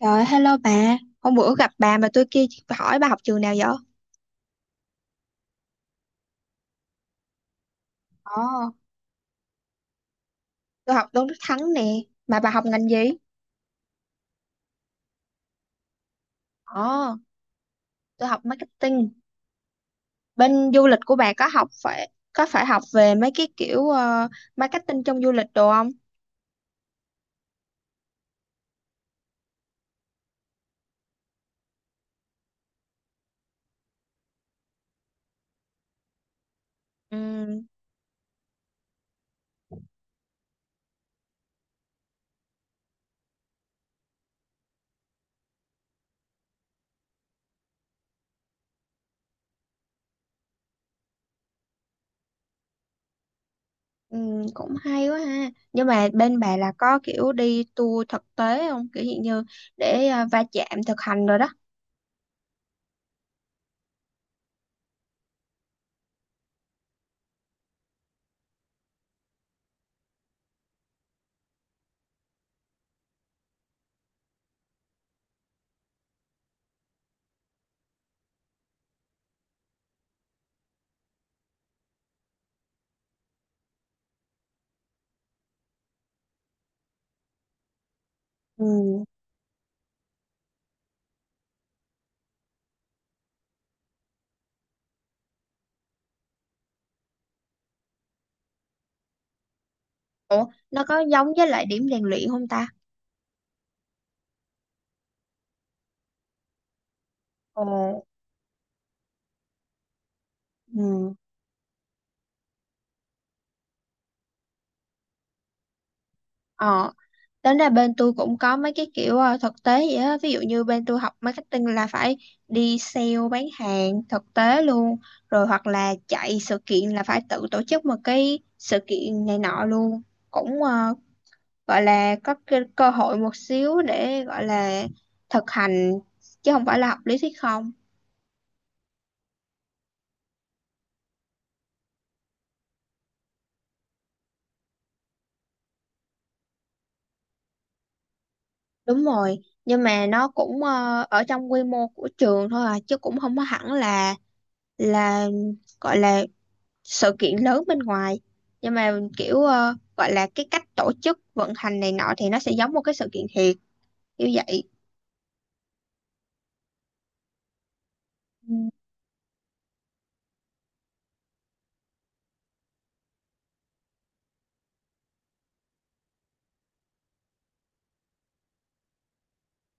Rồi, hello bà. Hôm bữa gặp bà mà tôi kia hỏi bà học trường nào vậy? Ồ, tôi học Tôn Đức Thắng nè. Mà bà học ngành gì? Ồ, tôi học marketing. Bên du lịch của bà có phải học về mấy cái kiểu marketing trong du lịch đồ không? Ừ, ừ, cũng hay quá ha. Nhưng mà bên bà là có kiểu đi tour thực tế không? Kiểu hiện như để va chạm thực hành rồi đó. Ừ. Ủa, nó có giống với lại điểm rèn luyện không ta? Ồ, ừ. Ờ, Tính ra bên tôi cũng có mấy cái kiểu thực tế vậy á. Ví dụ như bên tôi học marketing là phải đi sale bán hàng thực tế luôn. Rồi hoặc là chạy sự kiện là phải tự tổ chức một cái sự kiện này nọ luôn. Cũng gọi là có cơ hội một xíu để gọi là thực hành chứ không phải là học lý thuyết không. Đúng rồi. Nhưng mà nó cũng ở trong quy mô của trường thôi à chứ cũng không có hẳn là là gọi là sự kiện lớn bên ngoài, nhưng mà kiểu gọi là cái cách tổ chức vận hành này nọ thì nó sẽ giống một cái sự kiện thiệt như vậy. Ừ.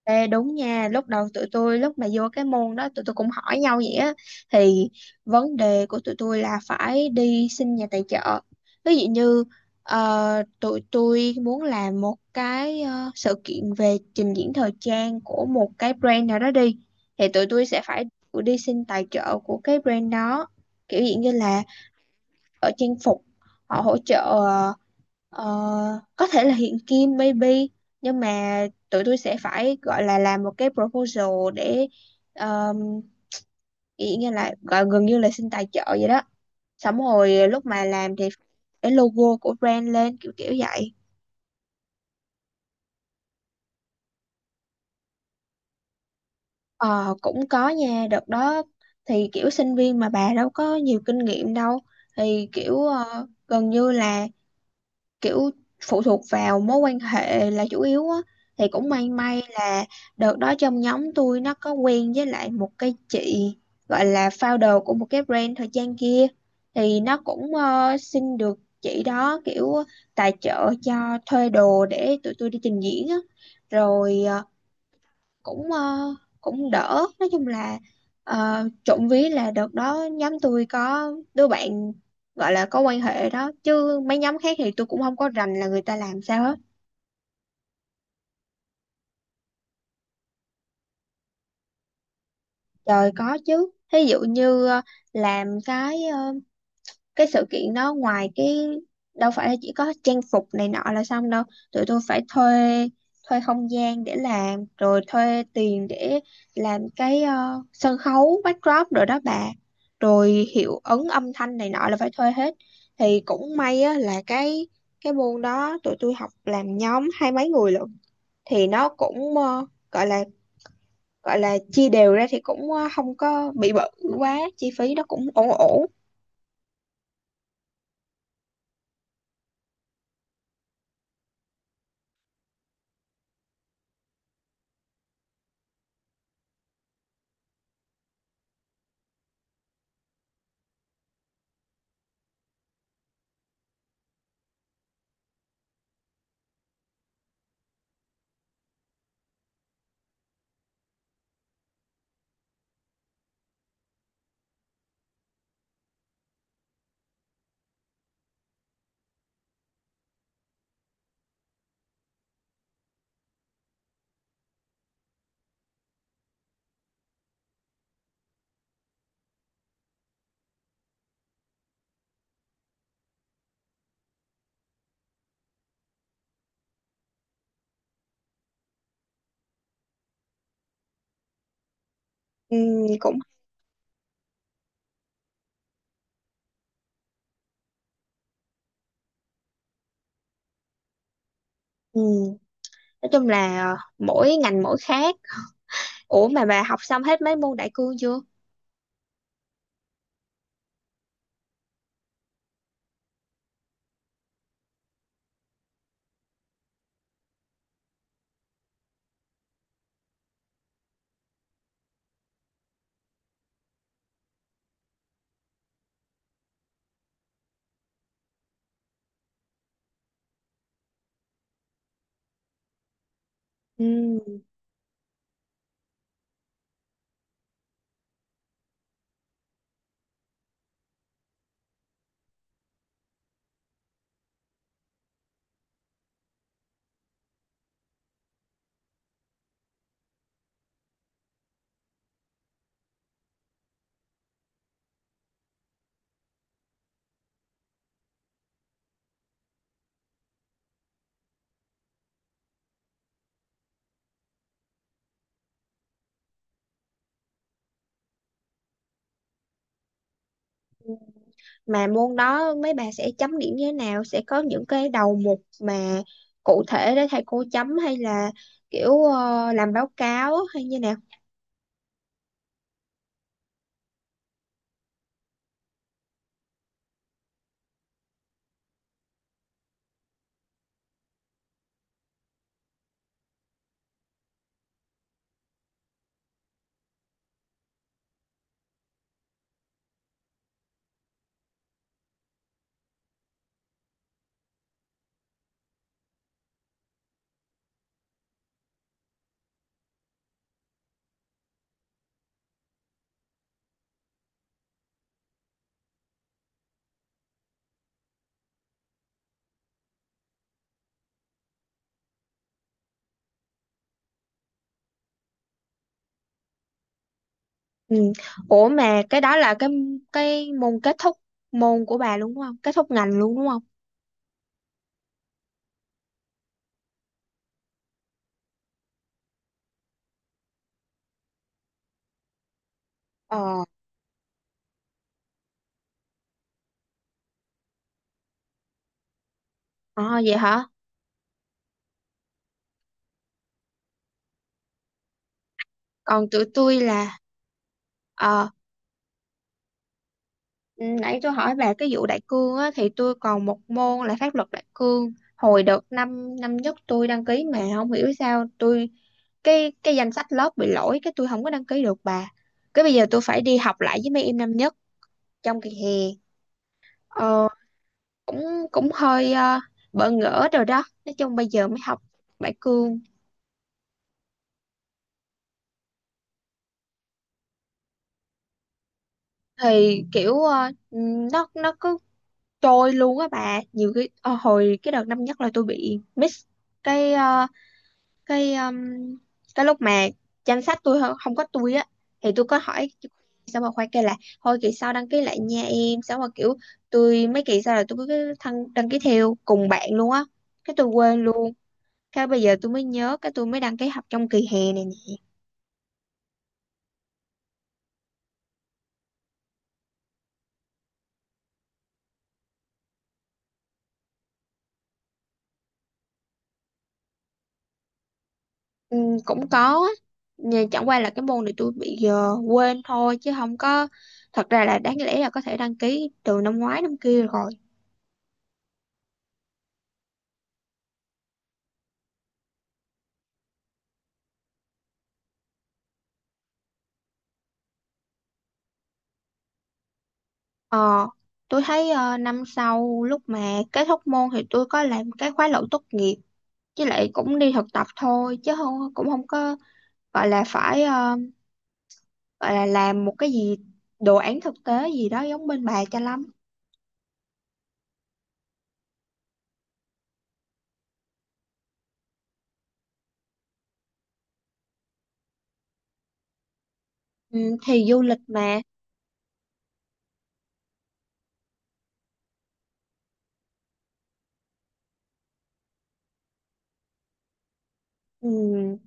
Ê, đúng nha, lúc đầu tụi tôi lúc mà vô cái môn đó tụi tôi cũng hỏi nhau vậy á, thì vấn đề của tụi tôi là phải đi xin nhà tài trợ. Ví dụ như tụi tôi muốn làm một cái sự kiện về trình diễn thời trang của một cái brand nào đó đi, thì tụi tôi sẽ phải đi xin tài trợ của cái brand đó, kiểu dạng như là ở trang phục họ hỗ trợ, ờ, có thể là hiện kim maybe, nhưng mà tụi tôi sẽ phải gọi là làm một cái proposal để um, ý nghĩa là gọi gần như là xin tài trợ vậy đó, xong rồi lúc mà làm thì cái logo của brand lên kiểu kiểu vậy. Ờ, cũng có nha, đợt đó thì kiểu sinh viên mà bà đâu có nhiều kinh nghiệm đâu, thì kiểu gần như là kiểu phụ thuộc vào mối quan hệ là chủ yếu á, thì cũng may may là đợt đó trong nhóm tôi nó có quen với lại một cái chị gọi là founder của một cái brand thời trang kia, thì nó cũng xin được chị đó kiểu tài trợ cho thuê đồ để tụi tôi đi trình diễn á, rồi cũng ờ, cũng đỡ, nói chung là trộm vía là đợt đó nhóm tôi có đứa bạn gọi là có quan hệ đó, chứ mấy nhóm khác thì tôi cũng không có rành là người ta làm sao hết. Trời, có chứ, thí dụ như làm cái sự kiện đó, ngoài cái đâu phải là chỉ có trang phục này nọ là xong đâu, tụi tôi phải thuê thuê không gian để làm, rồi thuê tiền để làm cái sân khấu backdrop rồi đó bà, rồi hiệu ứng âm thanh này nọ là phải thuê hết. Thì cũng may á, là cái môn đó tụi tôi học làm nhóm hai mấy người lận, thì nó cũng gọi là gọi là chia đều ra thì cũng không có bị bự quá, chi phí nó cũng ổn ổn. Ừ, cũng ừ. Nói chung là mỗi ngành mỗi khác. Ủa mà bà học xong hết mấy môn đại cương chưa? Ừ. Mà môn đó mấy bà sẽ chấm điểm như thế nào, sẽ có những cái đầu mục mà cụ thể để thầy cô chấm, hay là kiểu làm báo cáo hay như nào? Ừ. Ủa mà cái đó là cái môn kết thúc môn của bà luôn đúng không, kết thúc ngành luôn đúng không? Ờ ờ vậy hả? Còn tụi tôi là ờ Ừ, nãy tôi hỏi bà cái vụ đại cương á, thì tôi còn một môn là pháp luật đại cương. Hồi đợt năm năm nhất tôi đăng ký mà không hiểu sao tôi, cái danh sách lớp bị lỗi, cái tôi không có đăng ký được bà. Cái bây giờ tôi phải đi học lại với mấy em năm nhất trong kỳ hè. Ờ, cũng cũng hơi bỡ ngỡ rồi đó. Nói chung bây giờ mới học đại cương thì kiểu nó cứ trôi luôn á bà. Nhiều cái hồi cái đợt năm nhất là tôi bị miss cái ờ, cái um, cái lúc mà chăm sách tôi không có tôi á, thì tôi có hỏi sao mà khoai kêu là thôi kỳ sau đăng ký lại nha em, sao mà kiểu tôi mấy kỳ sau là tôi cứ thân đăng ký theo cùng bạn luôn á, cái tôi quên luôn, cái bây giờ tôi mới nhớ cái tôi mới đăng ký học trong kỳ hè này nè. Ừ, cũng có á, nhưng chẳng qua là cái môn này tôi bị giờ quên thôi chứ không có, thật ra là đáng lẽ là có thể đăng ký từ năm ngoái năm kia rồi. Ờ, tôi thấy năm sau lúc mà kết thúc môn thì tôi có làm cái khóa luận tốt nghiệp, với lại cũng đi thực tập thôi chứ không, cũng không có gọi là phải gọi là làm một cái gì đồ án thực tế gì đó giống bên bà cho lắm. Ừ, thì du lịch mà. Ừ,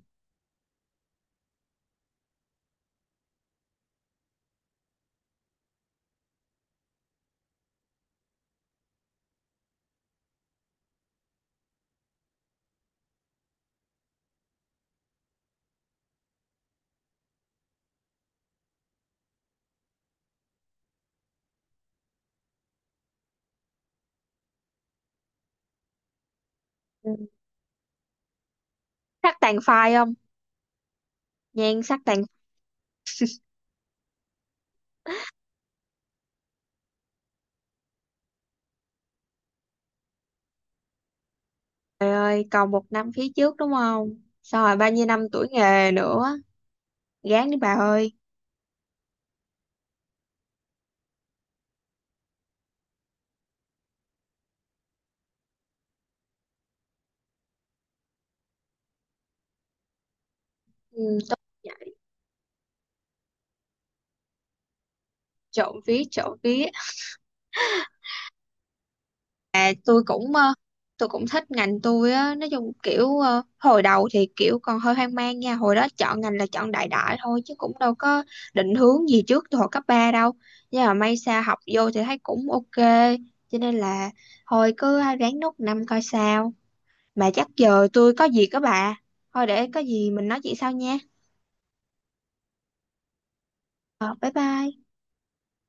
ừ, sắc tàn phai không? Nhan sắc tàn phai ơi, còn một năm phía trước đúng không? Xong rồi bao nhiêu năm tuổi nghề nữa, gán đi bà ơi. Ừ, tôi vậy, trộm vía trộm vía. Tôi cũng ờ, tôi cũng thích ngành tôi á, nói chung kiểu hồi đầu thì kiểu còn hơi hoang mang nha, hồi đó chọn ngành là chọn đại đại thôi chứ cũng đâu có định hướng gì trước từ hồi cấp 3 đâu, nhưng mà may sao học vô thì thấy cũng ok, cho nên là thôi cứ ráng nốt năm coi sao. Mà chắc giờ tôi có việc đó bà, thôi để có gì mình nói chuyện sau nha. Ờ, bye bye